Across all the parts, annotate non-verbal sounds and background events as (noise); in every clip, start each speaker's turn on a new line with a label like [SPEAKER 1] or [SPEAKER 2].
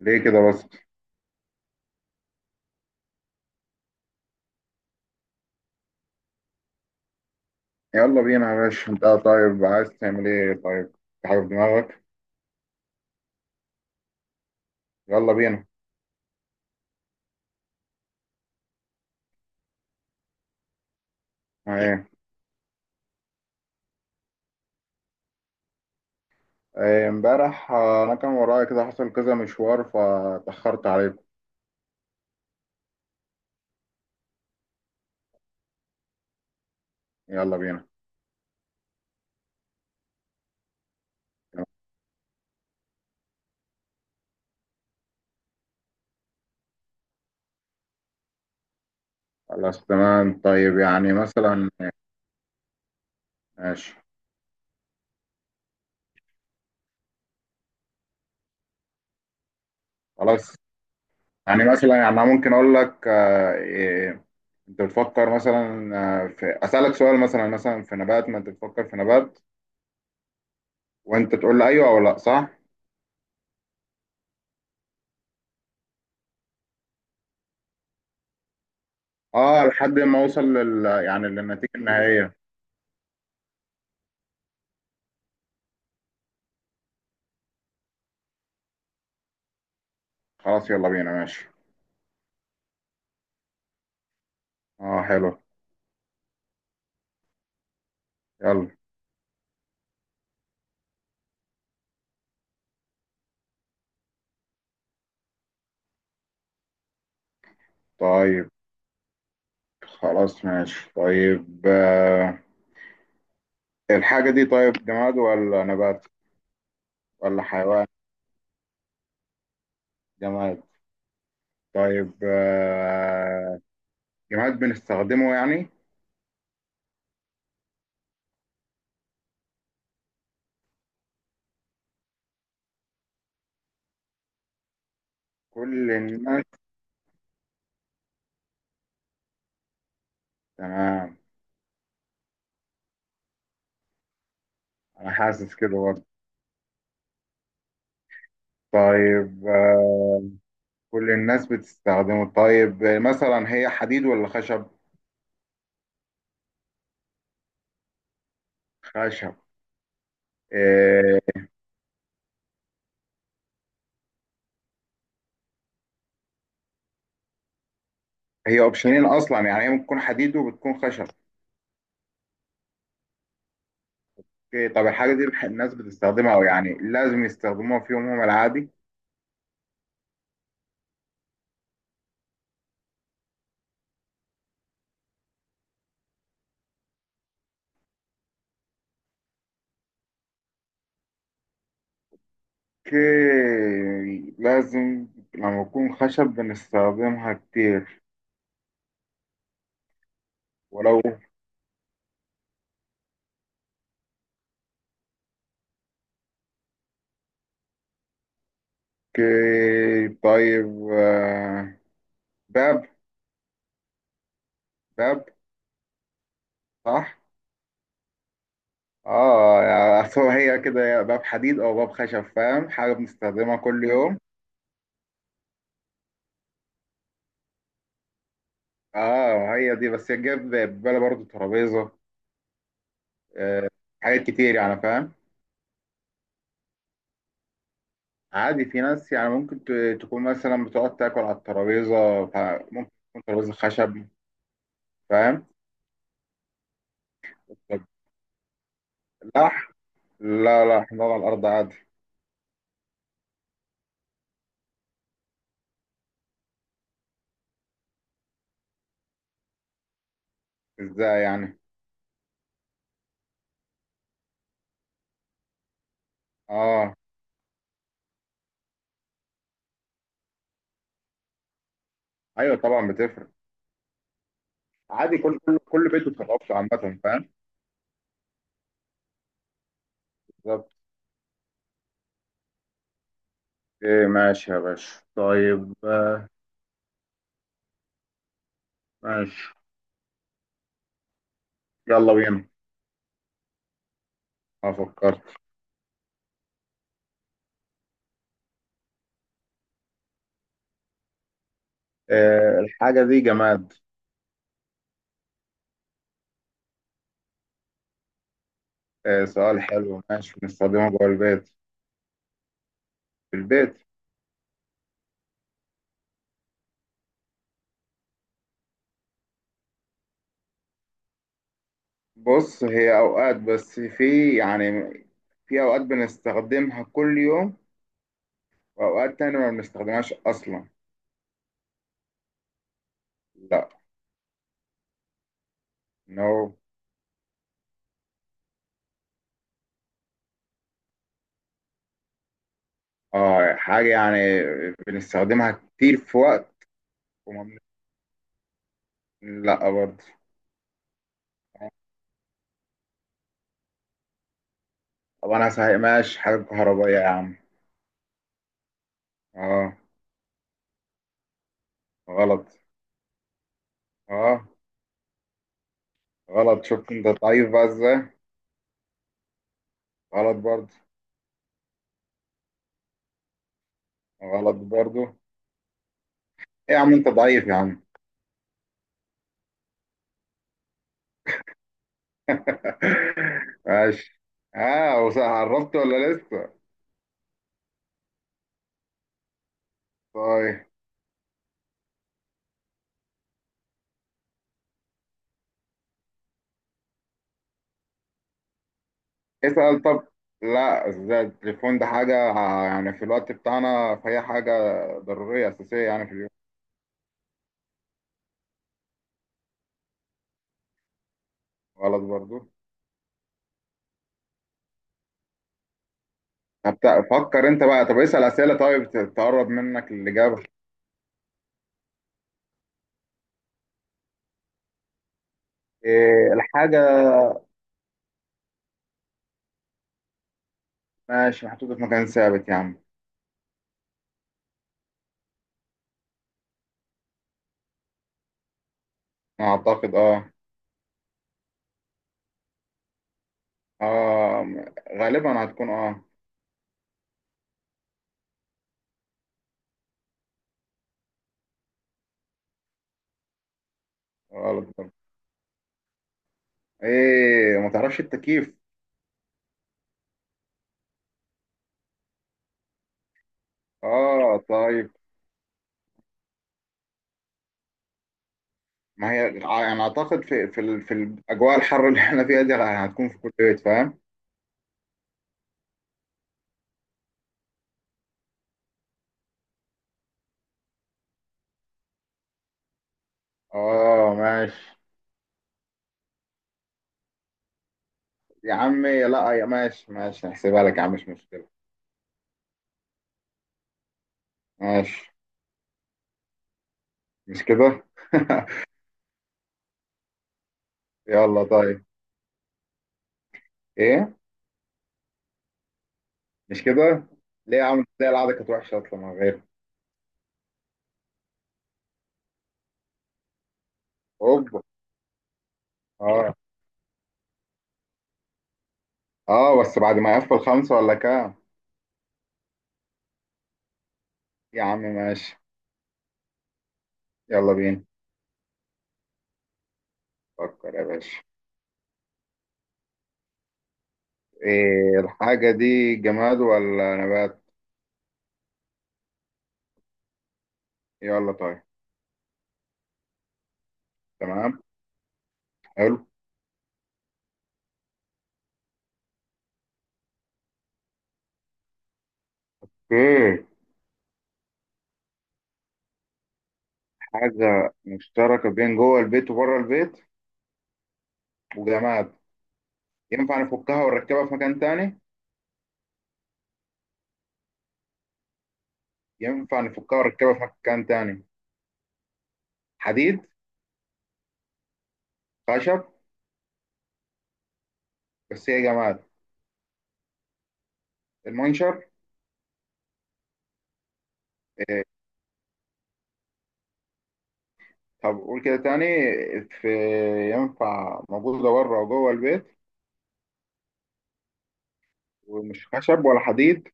[SPEAKER 1] ليه كده بس؟ يلا بينا يا باشا، انت طيب عايز تعمل ايه طيب؟ في حاجة في دماغك؟ يلا بينا. ايه؟ ايه، امبارح انا كان ورايا كده حصل كذا مشوار فاتأخرت عليكم. يلا بينا. خلاص تمام، طيب يعني مثلا. ماشي. خلاص. يعني مثلا يعني انا ممكن اقول لك اه، ايه، انت بتفكر مثلا. اه، في اسالك سؤال مثلا في نبات، ما انت بتفكر في نبات، وانت تقول لي ايوه او لا، صح؟ اه لحد ما اوصل يعني للنتيجه النهائيه. خلاص يلا بينا ماشي. اه حلو. يلا. طيب خلاص ماشي، طيب الحاجة دي طيب جماد ولا نبات ولا حيوان؟ جماد؟ طيب جماد بنستخدمه يعني؟ كل الناس؟ تمام. أنا حاسس كده برضه. طيب كل الناس بتستخدمه، طيب مثلا هي حديد ولا خشب؟ خشب؟ آه هي اوبشنين أصلا، يعني هي ممكن تكون حديد وبتكون خشب. إيه، طب الحاجة دي الناس بتستخدمها، أو يعني لازم يستخدموها في يومهم العادي؟ اوكي. لازم. لما يكون خشب بنستخدمها كتير. ولو. اوكي طيب باب. باب. صح. اه يعني أصل هو هي كده، يا باب حديد او باب خشب، فاهم؟ حاجة بنستخدمها كل يوم. اه هي دي بس جاب في بالي برضه ترابيزة. آه، حاجات كتير يعني، فاهم؟ عادي، في ناس يعني ممكن تكون مثلا بتقعد تاكل على الترابيزة، فممكن تكون ترابيزة خشب. فاهم. طب. لح لا لا، حمار على الأرض عادي. ازاي يعني؟ اه. ايوه طبعا بتفرق. عادي كل بيت بتخلص عامة، فاهم. بالظبط. ايه ماشي يا باشا، طيب ماشي. يلا بينا. اه فكرت. آه الحاجة دي جماد. آه سؤال حلو، ماشي بنستخدمها جوه البيت. في البيت. بص هي أوقات، بس في أوقات بنستخدمها كل يوم، وأوقات تانية ما بنستخدمهاش أصلا. لا. نو. آه حاجة يعني بنستخدمها كتير في وقت، وما بن... لا برضه. طب أنا هسهمهاش حاجة كهربائية يا عم. آه. غلط. آه. غلط شفت أنت ضعيف بقى إزاي. غلط برضه. غلط برضه. إيه يا عم أنت ضعيف يا عم. (laughs) ماشي. قربت ولا لسه؟ طيب. اسأل طب. لا، ده التليفون ده حاجة يعني في الوقت بتاعنا، فهي حاجة ضرورية أساسية يعني في اليوم. غلط برضو. طب فكر أنت بقى، طب اسأل أسئلة طيب تقرب منك الإجابة. إيه الحاجة؟ ماشي محطوطة في مكان ثابت يا عم. أعتقد أه. أه غالبا هتكون غلط برضو. إيه ما تعرفش التكييف؟ أه طيب. ما هي يعني أعتقد في في الأجواء الحر اللي إحنا فيها دي هتكون في كل بيت، فاهم؟ اه ماشي. يا عمي لا يا ماشي ماشي هحسبها لك يا عم مش مشكلة. ماشي. مش كده. (laughs) يلا طيب. ايه. مش كده. ليه يا عم، تلاقي القعدة كانت وحشة اصلا من غير. اوبا. اه. اه بس بعد ما يقفل خمسة ولا كام. يا عم ماشي. يلا بينا. فكر يا باشا. ايه الحاجة دي جماد ولا نبات؟ يلا طيب. تمام. حلو. اوكي. حاجة مشتركة بين جوه البيت وبره البيت. وجماد. ينفع نفكها ونركبها في مكان تاني؟ ينفع نفكها ونركبها في مكان تاني. حديد. خشب. بس هي جماد. المنشر. طب قول كده تاني. في. ينفع موجودة بره وجوه البيت. ومش خشب ولا حديد.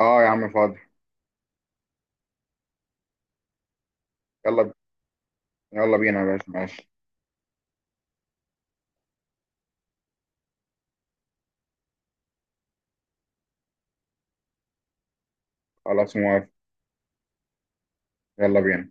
[SPEAKER 1] اه يا عم فاضي. يلا. يلا بينا يا باشا ماشي. خلاص موافق. يلا بينا.